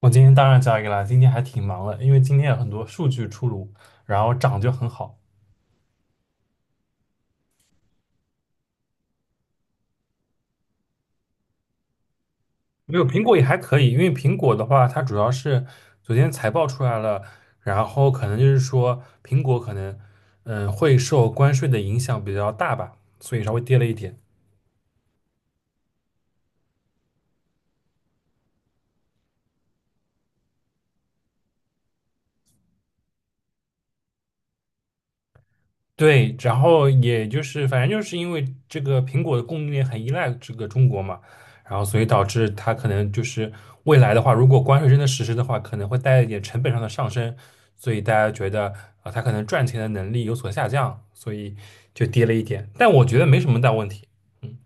我今天当然交易了，今天还挺忙的，因为今天有很多数据出炉，然后涨就很好。没有苹果也还可以，因为苹果的话，它主要是昨天财报出来了，然后可能就是说苹果可能会受关税的影响比较大吧，所以稍微跌了一点。对，然后也就是反正就是因为这个苹果的供应链很依赖这个中国嘛，然后所以导致它可能就是未来的话，如果关税真的实施的话，可能会带来一点成本上的上升，所以大家觉得啊，它可能赚钱的能力有所下降，所以就跌了一点。但我觉得没什么大问题。嗯，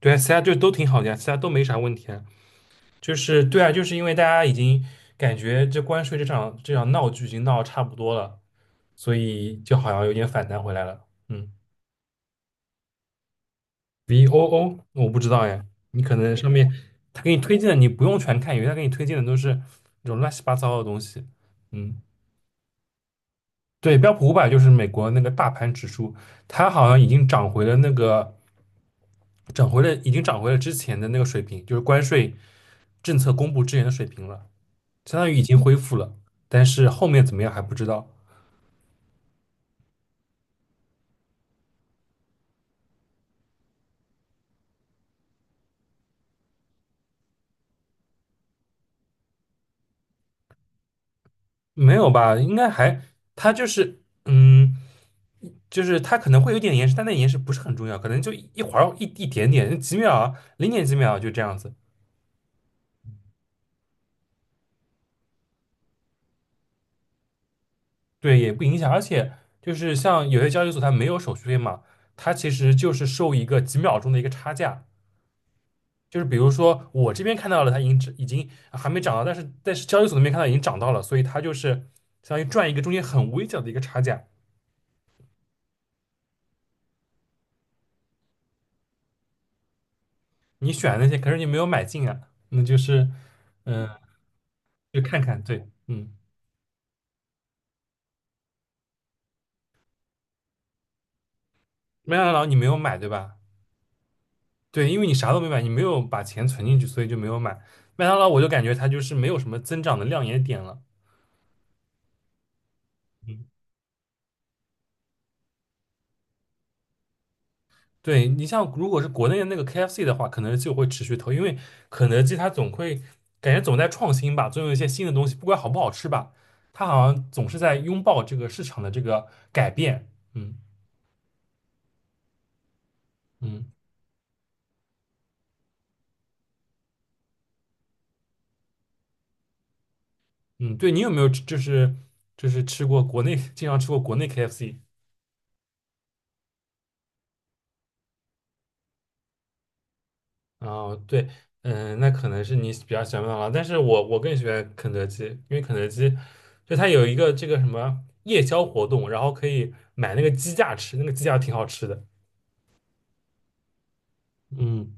对啊，其他就都挺好的呀，其他都没啥问题啊。就是对啊，就是因为大家已经感觉这关税这场闹剧已经闹得差不多了，所以就好像有点反弹回来了，嗯。VOO,那我不知道呀。你可能上面他给你推荐的，你不用全看，因为他给你推荐的都是那种乱七八糟的东西。嗯，对，标普500就是美国那个大盘指数，它好像已经涨回了那个，涨回了已经涨回了之前的那个水平，就是关税政策公布之前的水平了，相当于已经恢复了，但是后面怎么样还不知道。没有吧？应该还，它就是，嗯，就是它可能会有点延时，但那延时不是很重要，可能就一会儿一点点，几秒啊，零点几秒啊就这样子，对，也不影响。而且就是像有些交易所它没有手续费嘛，它其实就是收一个几秒钟的一个差价，就是比如说我这边看到了它已经还没涨到，但是交易所那边看到已经涨到了，所以它就是相当于赚一个中间很微小的一个差价。你选的那些，可是你没有买进啊，那就是。嗯。就看看，对，嗯，麦当劳你没有买对吧？对，因为你啥都没买，你没有把钱存进去，所以就没有买。麦当劳我就感觉它就是没有什么增长的亮眼点了。嗯，对，你像如果是国内的那个 KFC 的话，肯德基我会持续投，因为肯德基它总会感觉总在创新吧，总有一些新的东西，不管好不好吃吧，它好像总是在拥抱这个市场的这个改变。嗯嗯嗯，对你有没有吃就是就是吃过国内经常吃过国内 KFC?哦，对，嗯，那可能是你比较喜欢麦当劳，但是我更喜欢肯德基，因为肯德基就它有一个这个什么夜宵活动，然后可以买那个鸡架吃，那个鸡架挺好吃的。嗯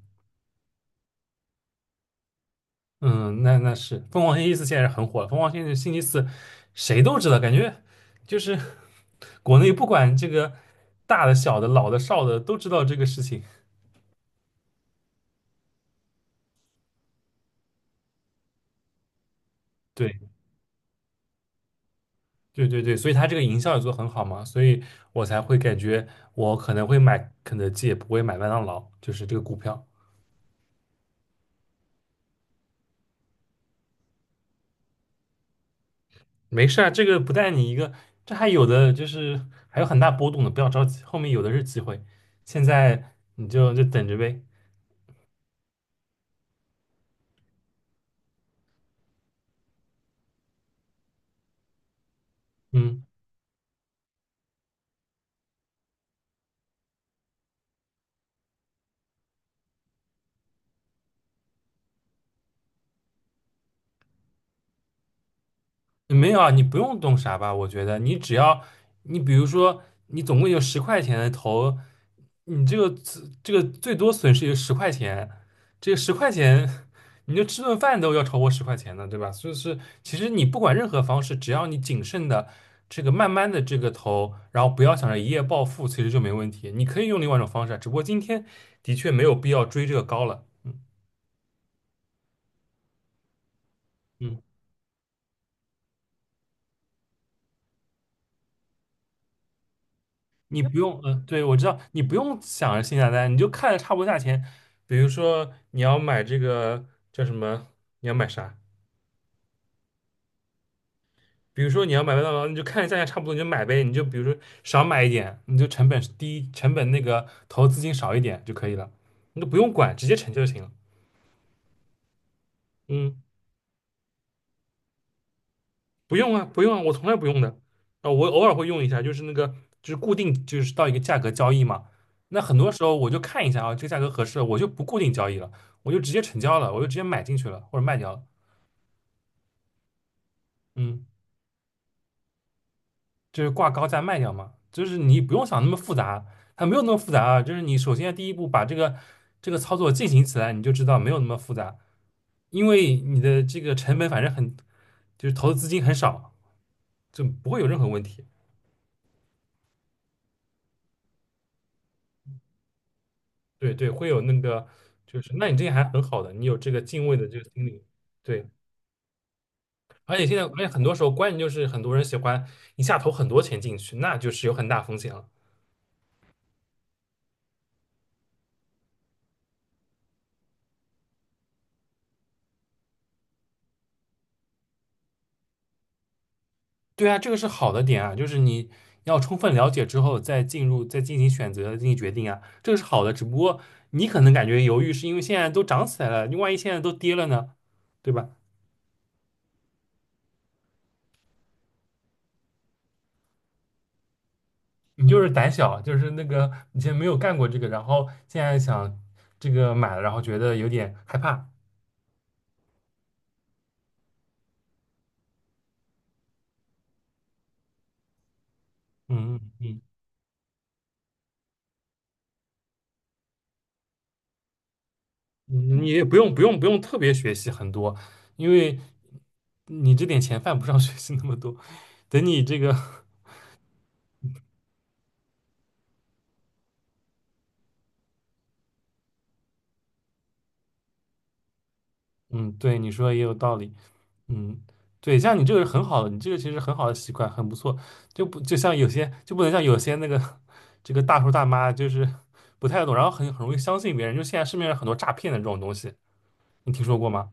嗯，那那是凤凰星期四现在是很火了，凤凰星期四谁都知道，感觉就是国内不管这个大的、小的、老的、少的都知道这个事情。对。对对对，所以它这个营销也做得很好嘛，所以我才会感觉我可能会买肯德基，也不会买麦当劳，就是这个股票。没事啊，这个不带你一个，这还有的就是还有很大波动的，不要着急，后面有的是机会，现在你就等着呗。嗯。没有啊，你不用动啥吧？我觉得你只要你比如说你总共有十块钱的投，你这个这个最多损失有十块钱，这个十块钱你就吃顿饭都要超过十块钱的，对吧？所以是其实你不管任何方式，只要你谨慎的这个慢慢的这个投，然后不要想着一夜暴富，其实就没问题。你可以用另外一种方式啊，只不过今天的确没有必要追这个高了。嗯嗯。你不用，对，我知道，你不用想着性价比单，你就看着差不多价钱。比如说你要买这个叫什么，你要买啥？比如说你要买麦当劳，你就看着价钱差不多，你就买呗。你就比如说少买一点，你就成本低，成本那个投资金少一点就可以了，你都不用管，直接成就行了。嗯不用啊我从来不用的。啊，我偶尔会用一下，就是那个，就是固定，就是到一个价格交易嘛。那很多时候我就看一下啊，这个价格合适，我就不固定交易了，我就直接成交了，我就直接买进去了或者卖掉了。嗯，就是挂高价卖掉嘛，就是你不用想那么复杂，它没有那么复杂啊。就是你首先第一步把这个这个操作进行起来，你就知道没有那么复杂，因为你的这个成本反正很，就是投资资金很少，就不会有任何问题。对对，会有那个，就是那你这个还很好的，你有这个敬畏的这个心理，对，而且现在，而且很多时候关键就是很多人喜欢一下投很多钱进去，那就是有很大风险了。对啊，这个是好的点啊，就是你要充分了解之后再进入，再进行选择、进行决定啊，这个是好的。只不过你可能感觉犹豫，是因为现在都涨起来了，你万一现在都跌了呢，对吧？你就是胆小，就是那个以前没有干过这个，然后现在想这个买了，然后觉得有点害怕。嗯嗯嗯。嗯，你也不用特别学习很多，因为你这点钱犯不上 学习那么多。等你这个，嗯，对，你说的也有道理，嗯，对，像你这个是很好的，你这个其实很好的习惯，很不错。就不就像有些就不能像有些那个 这个大叔大妈就是不太懂，然后很容易相信别人。就现在市面上很多诈骗的这种东西，你听说过吗？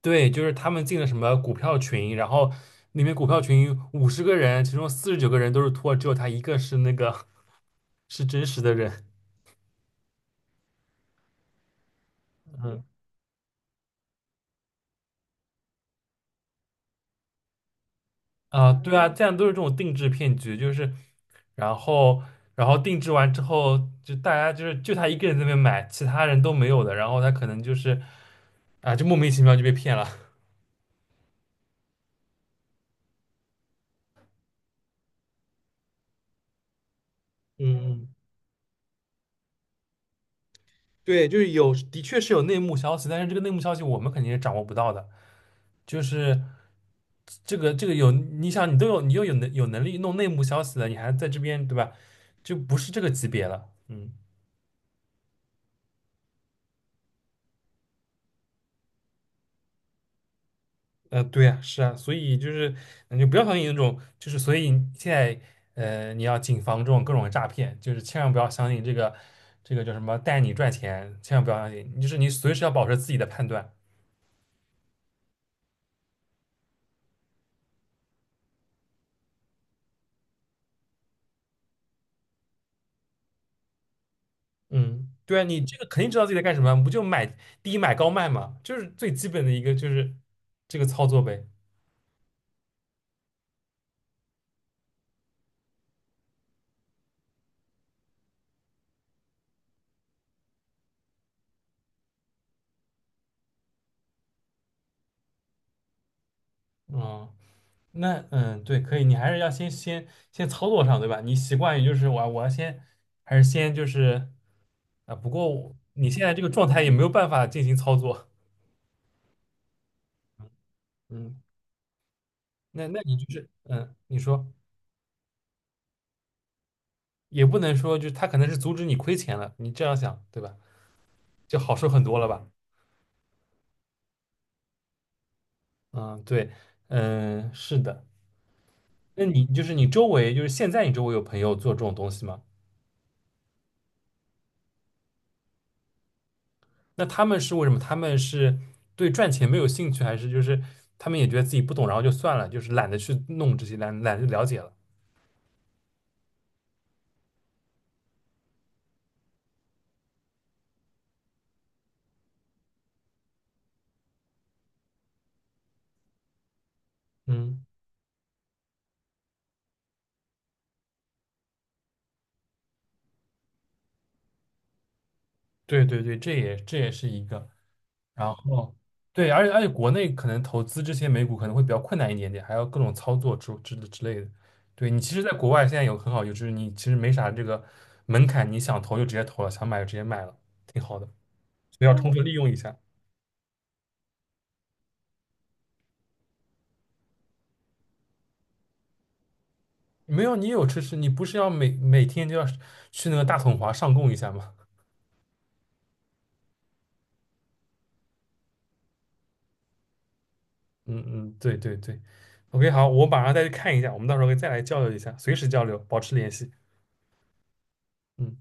对，就是他们进了什么股票群，然后里面股票群50个人，其中49个人都是托，只有他一个是那个是真实的人啊，对啊，这样都是这种定制骗局，就是然后然后定制完之后，就大家就是就他一个人在那边买，其他人都没有的，然后他可能就是啊，就莫名其妙就被骗了。嗯，对，就是有，的确是有内幕消息，但是这个内幕消息我们肯定是掌握不到的。就是这个这个有，你想你都有你又有能有能力弄内幕消息了，你还在这边对吧？就不是这个级别了。嗯。呃，对呀，是啊，所以就是你就不要相信那种，就是所以你现在呃，你要谨防这种各种诈骗，就是千万不要相信这个这个叫什么带你赚钱，千万不要相信，就是你随时要保持自己的判断。嗯，对啊，你这个肯定知道自己在干什么，不就买低买高卖嘛，就是最基本的一个就是这个操作呗。嗯，那嗯，对，可以，你还是要先操作上，对吧？你习惯于就是我要先还是先就是。啊，不过你现在这个状态也没有办法进行操作，嗯，那那你就是，嗯，你说也不能说，就是他可能是阻止你亏钱了，你这样想，对吧？就好受很多了吧？嗯，对，嗯，是的。那你就是你周围，就是现在你周围有朋友做这种东西吗？那他们是为什么？他们是对赚钱没有兴趣，还是就是他们也觉得自己不懂，然后就算了，就是懒得去弄这些，懒得了解了？嗯，对对对，这也这也是一个。然后对，而且国内可能投资这些美股可能会比较困难一点点，还要各种操作之类的。对你其实，在国外现在有很好，就是你其实没啥这个门槛，你想投就直接投了，想买就直接买了，挺好的，所以要充分利用一下。没有，你有知识，你不是要每天就要去那个大统华上供一下吗？嗯嗯，对对对。OK,好，我马上再去看一下，我们到时候可以再来交流一下，随时交流，保持联系。嗯。